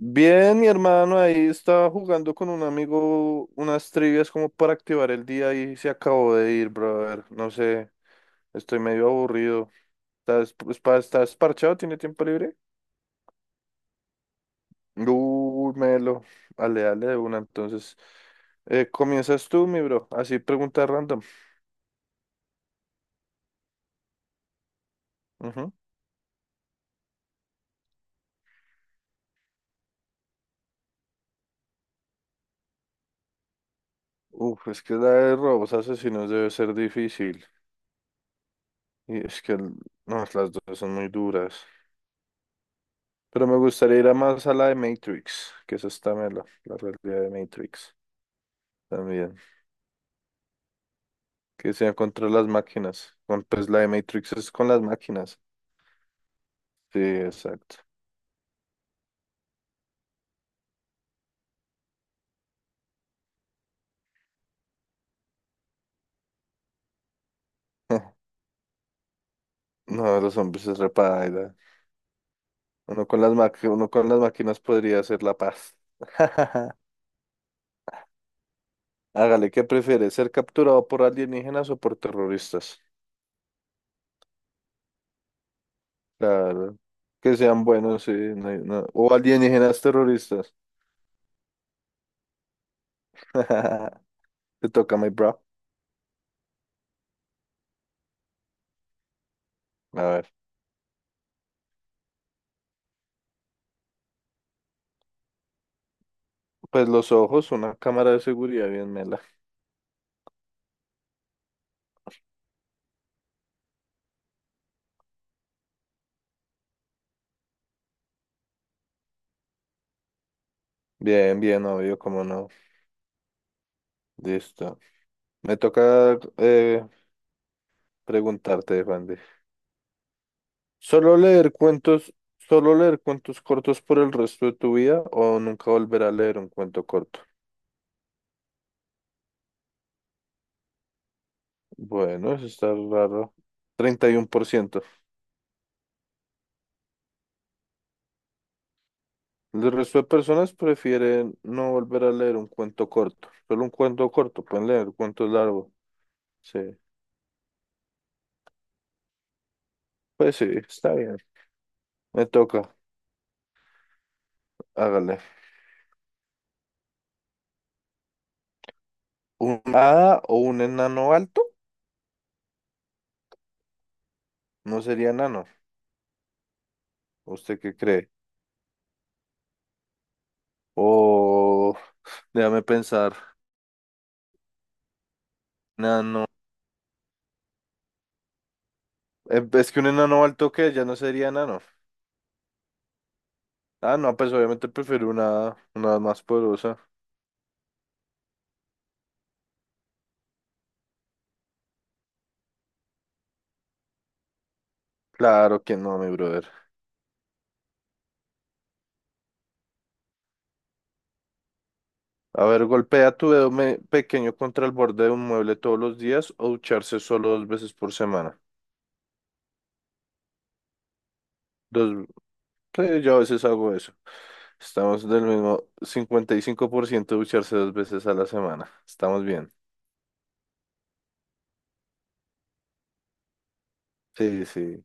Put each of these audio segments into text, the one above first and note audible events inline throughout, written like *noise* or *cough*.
Bien, mi hermano ahí estaba jugando con un amigo unas trivias como para activar el día y se acabó de ir, brother. No sé, estoy medio aburrido. ¿Estás, pues, estás parchado? ¿Tiene tiempo libre? Uy, Melo. Dale, dale de una. Entonces, comienzas tú, mi bro. Así pregunta random. Ujú. Uf, es que la de robos asesinos debe ser difícil. Y es que no, las dos son muy duras. Pero me gustaría ir a más a la de Matrix, que esa está mela, la realidad de Matrix también. Que sea contra las máquinas. Pues la de Matrix es con las máquinas. Sí, exacto. *laughs* No, los hombres es repaida. Uno con las máquinas podría hacer la paz. *laughs* Hágale, ¿qué prefiere? ¿Ser capturado por alienígenas o por terroristas? Claro. Que sean buenos, sí. O alienígenas terroristas. *laughs* Te toca, my bro. A ver. Pues los ojos, una cámara de seguridad bien mela. Bien, bien, obvio, cómo no. Listo. Me toca preguntarte, Randy. ¿Solo leer cuentos, solo leer cuentos cortos por el resto de tu vida o nunca volver a leer un cuento corto? Bueno, eso está raro. 31%. El resto de personas prefieren no volver a leer un cuento corto. Solo un cuento corto, pueden leer cuentos largos. Sí. Pues sí, está bien. Me toca, hágale. ¿Un hada o un enano alto? No sería enano. ¿Usted qué cree? O déjame pensar. Enano. Es que un enano alto que ya no sería enano. Ah, no, pues obviamente prefiero una más poderosa. Claro que no, mi brother. A ver, golpea tu dedo pequeño contra el borde de un mueble todos los días o ducharse solo dos veces por semana. Dos, sí, yo a veces hago eso. Estamos del mismo 55% ducharse dos veces a la semana. Estamos bien. Sí, sí,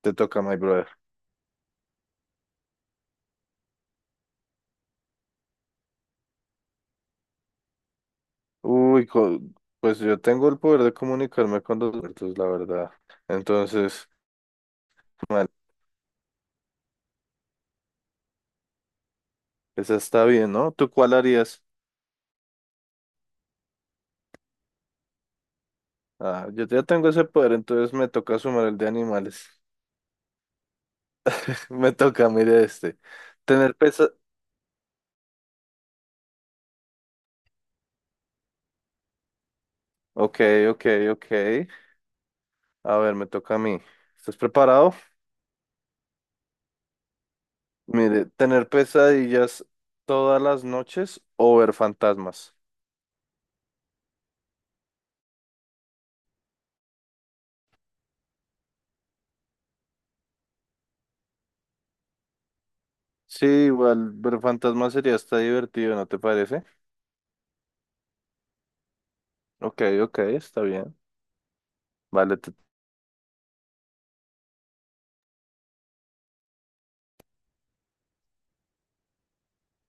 te toca, my brother. Uy, pues yo tengo el poder de comunicarme con los muertos, la verdad. Entonces, mal, esa está bien, ¿no? ¿Tú cuál harías? Ah, yo ya tengo ese poder, entonces me toca sumar el de animales. *laughs* Me toca, mire este. Tener pesa... Ok, ok, ok. A ver, me toca a mí. ¿Estás preparado? Mire, tener pesadillas todas las noches o ver fantasmas. Sí, igual ver fantasmas sería hasta divertido, ¿no te parece? Ok, ok, está bien. Vale,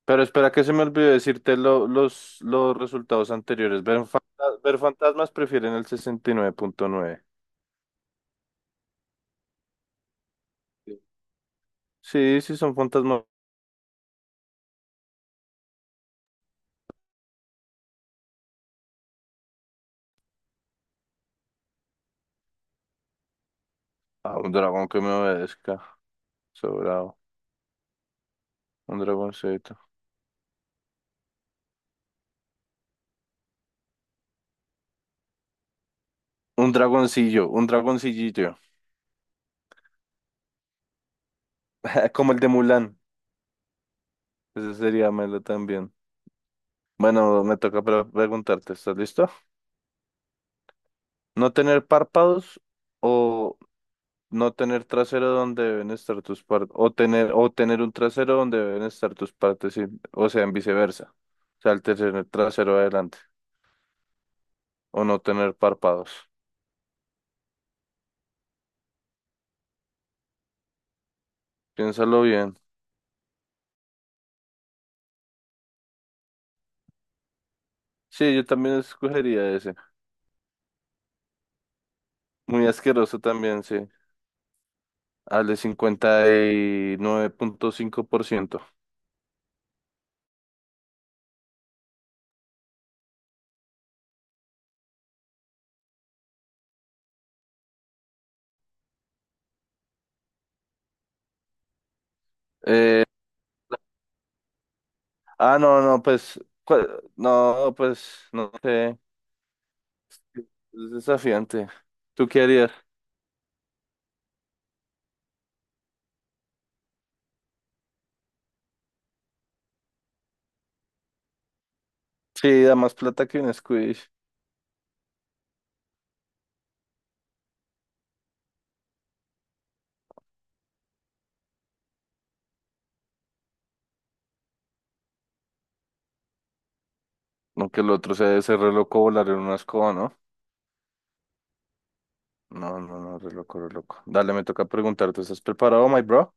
pero espera que se me olvidó decirte los resultados anteriores. Ver fantasmas prefieren el 69.9. Sí, sí, sí son fantasmas. Ah, un dragón que me obedezca. Sobrado. Un dragoncito. Un dragoncillo, un dragoncillito, *laughs* como el de Mulan. Ese sería Melo también. Bueno, me toca preguntarte, ¿estás listo? ¿No tener párpados o no tener trasero donde deben estar tus partes, o tener un trasero donde deben estar tus partes, o sea, en viceversa. O sea, el tener trasero adelante, o no tener párpados. Piénsalo bien. Sí, yo también escogería ese. Muy asqueroso también, sí. Al de 59.5%. Eh, ah, no, no, pues, no, pues, no sé. Es desafiante. ¿Tú qué harías? Sí, da más plata que un squid. No que el otro sea ese re loco volar en una escoba, ¿no? No, no, no, re loco, re loco. Dale, me toca preguntarte, ¿estás preparado, my bro?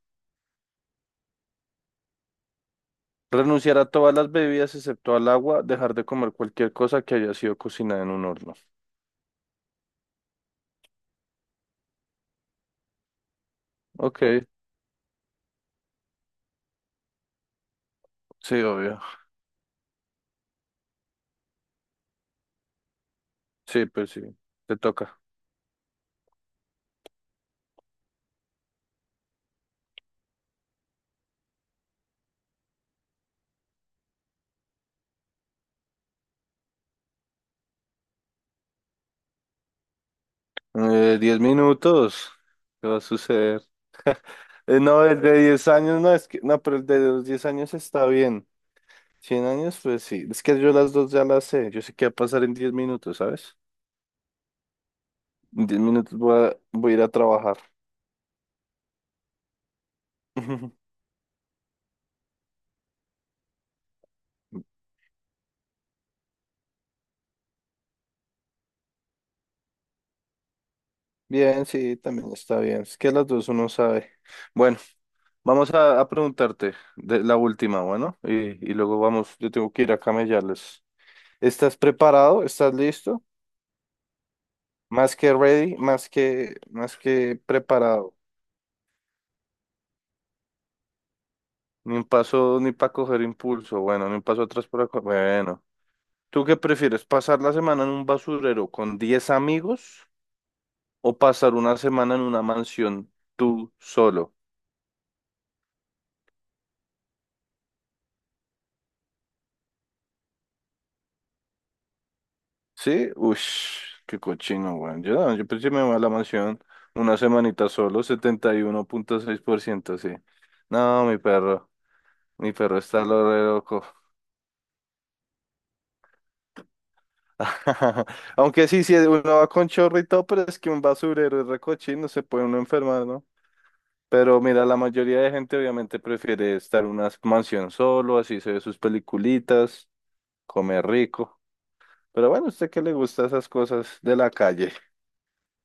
Renunciar a todas las bebidas excepto al agua, dejar de comer cualquier cosa que haya sido cocinada en un horno. Ok, sí, obvio. Sí, pues sí, te toca. 10 minutos. ¿Qué va a suceder? *laughs* No, el de 10 años, no, es que, no, pero el de los 10 años está bien. 100 años, pues sí. Es que yo las dos ya las sé. Yo sé qué va a pasar en 10 minutos, ¿sabes? En 10 minutos voy a, ir a trabajar. *laughs* Bien, sí, también está bien. Es que las dos uno sabe. Bueno, vamos a preguntarte de la última, bueno, y luego vamos, yo tengo que ir a camellarles. ¿Estás preparado? ¿Estás listo? Más que ready, más que preparado. Ni un paso ni para coger impulso, bueno, ni un paso atrás para. Bueno, ¿tú qué prefieres? ¿Pasar la semana en un basurero con 10 amigos o pasar una semana en una mansión tú solo? Sí, uff, qué cochino, weón. No, yo pues sí me voy a la mansión una semanita solo, 71.6%, sí. No, mi perro, está lo re loco. *laughs* Aunque sí, si uno va con chorro y todo, pero es que un basurero es re cochino, se puede uno enfermar, ¿no? Pero mira, la mayoría de gente obviamente prefiere estar en una mansión solo, así se ve sus peliculitas, comer rico. Pero bueno, ¿a usted qué le gusta esas cosas de la calle?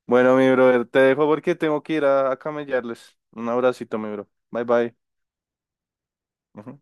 Bueno, mi brother, te dejo porque tengo que ir a camellarles. Un abracito, mi bro. Bye, bye. Ujú.